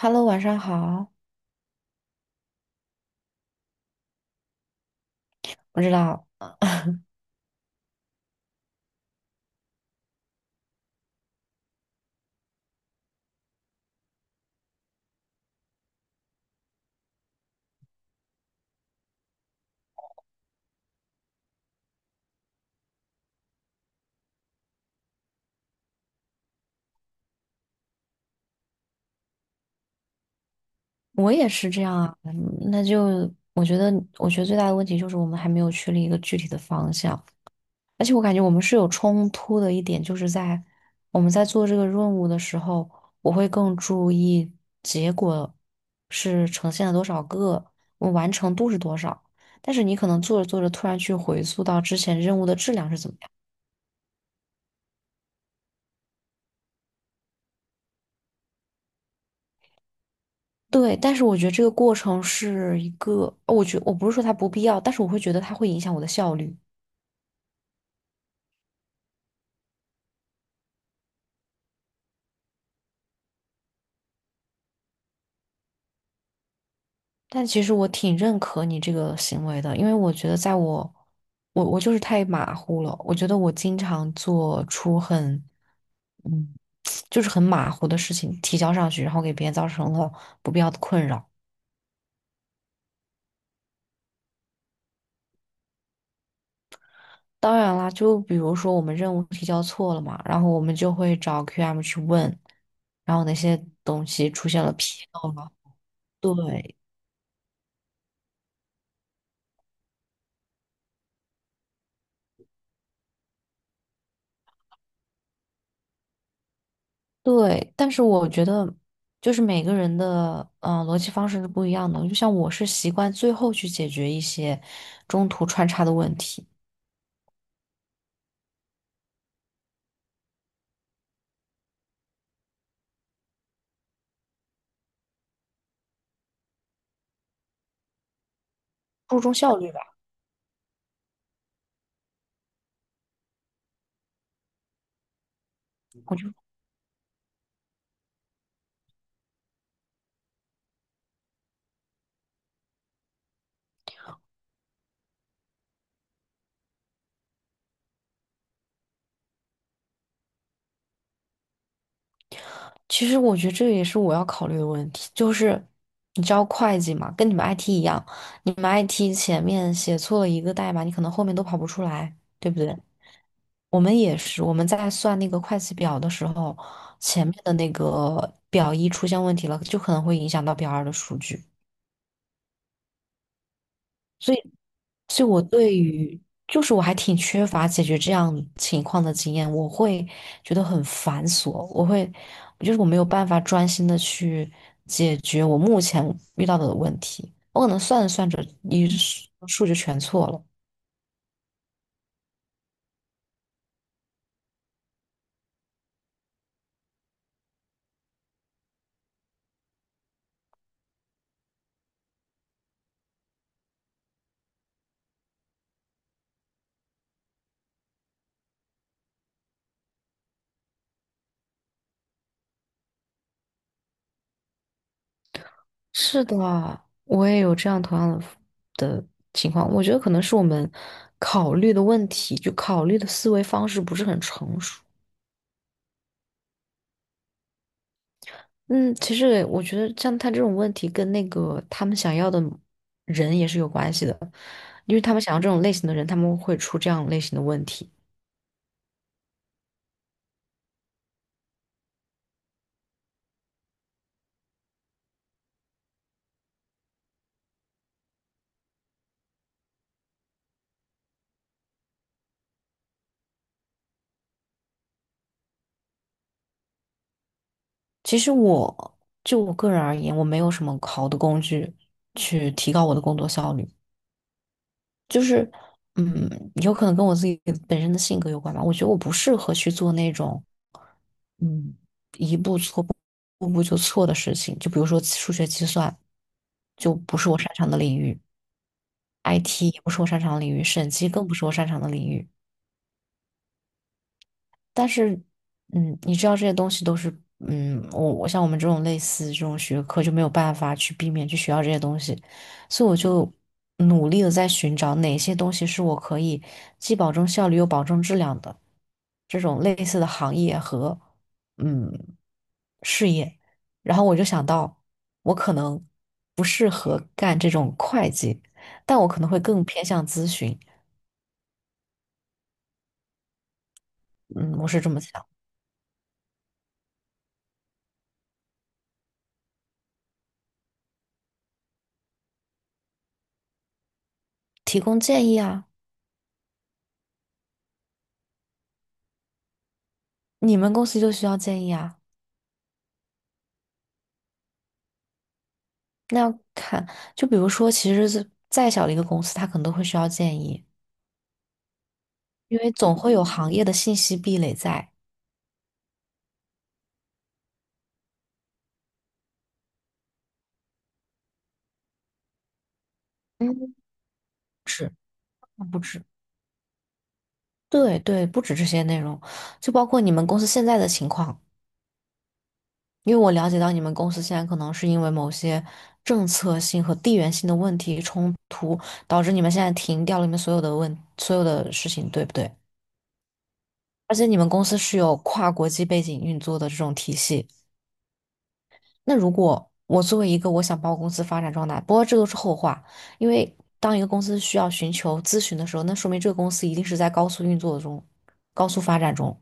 Hello，晚上好。我知道，我也是这样啊。嗯那就我觉得，我觉得最大的问题就是我们还没有确立一个具体的方向，而且我感觉我们是有冲突的一点，就是在我们在做这个任务的时候，我会更注意结果是呈现了多少个，我完成度是多少。但是你可能做着做着，突然去回溯到之前任务的质量是怎么样。对，但是我觉得这个过程是一个，我不是说它不必要，但是我会觉得它会影响我的效率。但其实我挺认可你这个行为的，因为我觉得在我，我就是太马虎了。我觉得我经常做出很，嗯，就是很马虎的事情提交上去，然后给别人造成了不必要的困扰。当然啦，就比如说我们任务提交错了嘛，然后我们就会找 QM 去问，然后那些东西出现了纰漏了。对，对，但是我觉得就是每个人的逻辑方式是不一样的。就像我是习惯最后去解决一些中途穿插的问题，注重效率吧。我就其实我觉得这也是我要考虑的问题，就是你知道会计嘛，跟你们 IT 一样，你们 IT 前面写错了一个代码，你可能后面都跑不出来，对不对？我们也是，我们在算那个会计表的时候，前面的那个表一出现问题了，就可能会影响到表二的数据。所以。所以我对于就是我还挺缺乏解决这样情况的经验，我会觉得很繁琐，我会就是我没有办法专心的去解决我目前遇到的问题，我可能算着算着一数数就全错了。是的，我也有这样同样的情况，我觉得可能是我们考虑的问题，就考虑的思维方式不是很成熟。嗯，其实我觉得像他这种问题跟那个他们想要的人也是有关系的，因为他们想要这种类型的人，他们会出这样类型的问题。其实我个人而言，我没有什么好的工具去提高我的工作效率。就是，嗯，有可能跟我自己本身的性格有关吧。我觉得我不适合去做那种，嗯，一步错步步步就错的事情。就比如说数学计算，就不是我擅长的领域；IT 也不是我擅长的领域；审计更不是我擅长的领域。但是，嗯，你知道这些东西都是，嗯，我像我们这种类似这种学科就没有办法去避免去学到这些东西，所以我就努力的在寻找哪些东西是我可以既保证效率又保证质量的这种类似的行业和嗯事业，然后我就想到我可能不适合干这种会计，但我可能会更偏向咨询，嗯，我是这么想，提供建议啊。你们公司就需要建议啊？那要看，就比如说，其实是再小的一个公司，它可能都会需要建议，因为总会有行业的信息壁垒在。嗯，是，不止。对对，不止这些内容，就包括你们公司现在的情况，因为我了解到你们公司现在可能是因为某些政策性和地缘性的问题冲突，导致你们现在停掉了你们所有的所有的事情，对不对？而且你们公司是有跨国际背景运作的这种体系。那如果我作为一个我想把我公司发展壮大，不过这都是后话，因为当一个公司需要寻求咨询的时候，那说明这个公司一定是在高速运作中、高速发展中。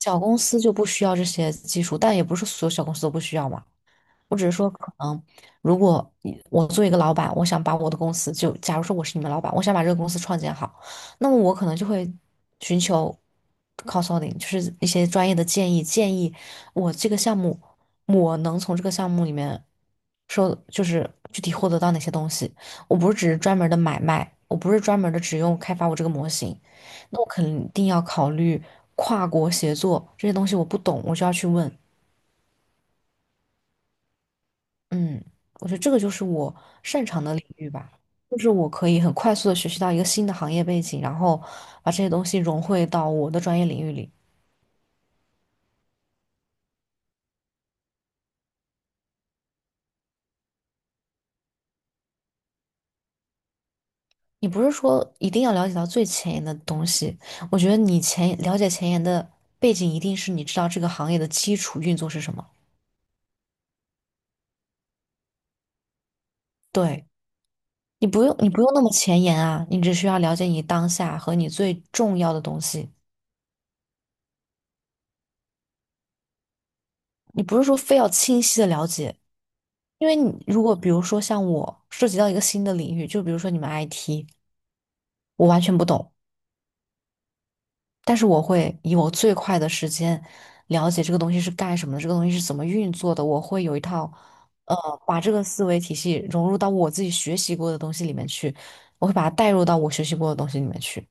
小公司就不需要这些技术，但也不是所有小公司都不需要嘛。我只是说，可能如果你我作为一个老板，我想把我的公司就，假如说我是你们老板，我想把这个公司创建好，那么我可能就会寻求 consulting，就是一些专业的建议，建议我这个项目，我能从这个项目里面就是具体获得到哪些东西。我不是只是专门的买卖，我不是专门的只用开发我这个模型，那我肯定要考虑跨国协作这些东西，我不懂，我就要去问。嗯，我觉得这个就是我擅长的领域吧，就是我可以很快速的学习到一个新的行业背景，然后把这些东西融汇到我的专业领域里。你不是说一定要了解到最前沿的东西，我觉得了解前沿的背景，一定是你知道这个行业的基础运作是什么。对，你不用那么前沿啊，你只需要了解你当下和你最重要的东西。你不是说非要清晰的了解，因为你如果比如说像我涉及到一个新的领域，就比如说你们 IT，我完全不懂，但是我会以我最快的时间了解这个东西是干什么的，这个东西是怎么运作的，我会有一套，呃，把这个思维体系融入到我自己学习过的东西里面去，我会把它带入到我学习过的东西里面去。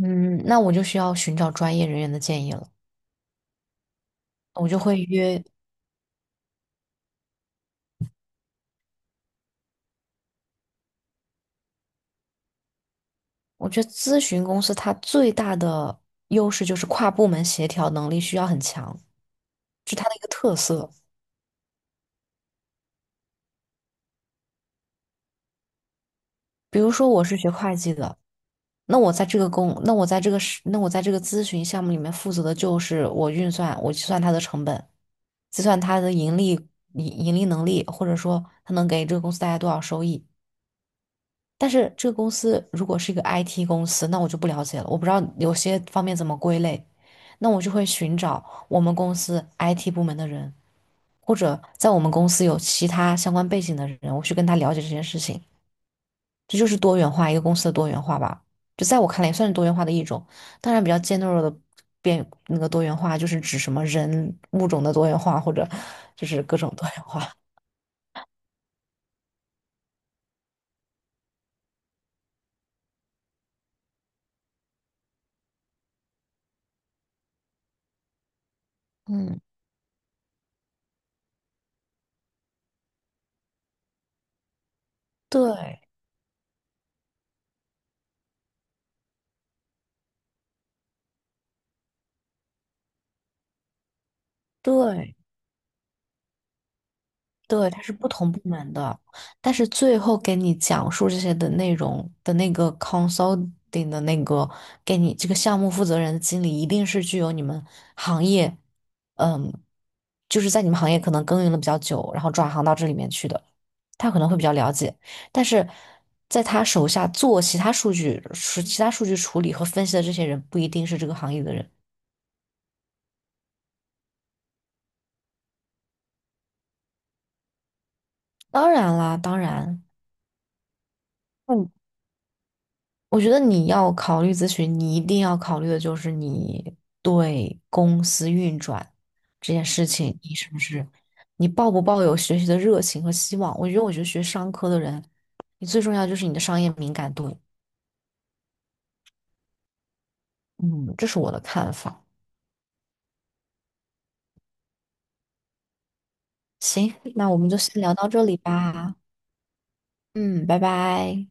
嗯，那我就需要寻找专业人员的建议了，我就会约。我觉得咨询公司它最大的优势就是跨部门协调能力需要很强，是它的一个特色。比如说我是学会计的，那我在这个公，那我在这个是，那我在这个咨询项目里面负责的就是我运算，我计算它的成本，计算它的盈利能力，或者说它能给这个公司带来多少收益。但是这个公司如果是一个 IT 公司，那我就不了解了，我不知道有些方面怎么归类，那我就会寻找我们公司 IT 部门的人，或者在我们公司有其他相关背景的人，我去跟他了解这件事情。这就是多元化，一个公司的多元化吧。就在我看来，也算是多元化的一种。当然，比较尖锐的变那个多元化，就是指什么人物种的多元化，或者就是各种多元化。嗯，对对。对，它是不同部门的，但是最后给你讲述这些的内容的那个 consulting 的那个给你这个项目负责人的经理，一定是具有你们行业，嗯，就是在你们行业可能耕耘了比较久，然后转行到这里面去的，他可能会比较了解，但是在他手下做其他数据、是其他数据处理和分析的这些人，不一定是这个行业的人。当然啦，当然。我觉得你要考虑咨询，你一定要考虑的就是你对公司运转这件事情，你抱不抱有学习的热情和希望？我觉得学商科的人，你最重要就是你的商业敏感度。嗯，这是我的看法。行，那我们就先聊到这里吧。嗯，拜拜。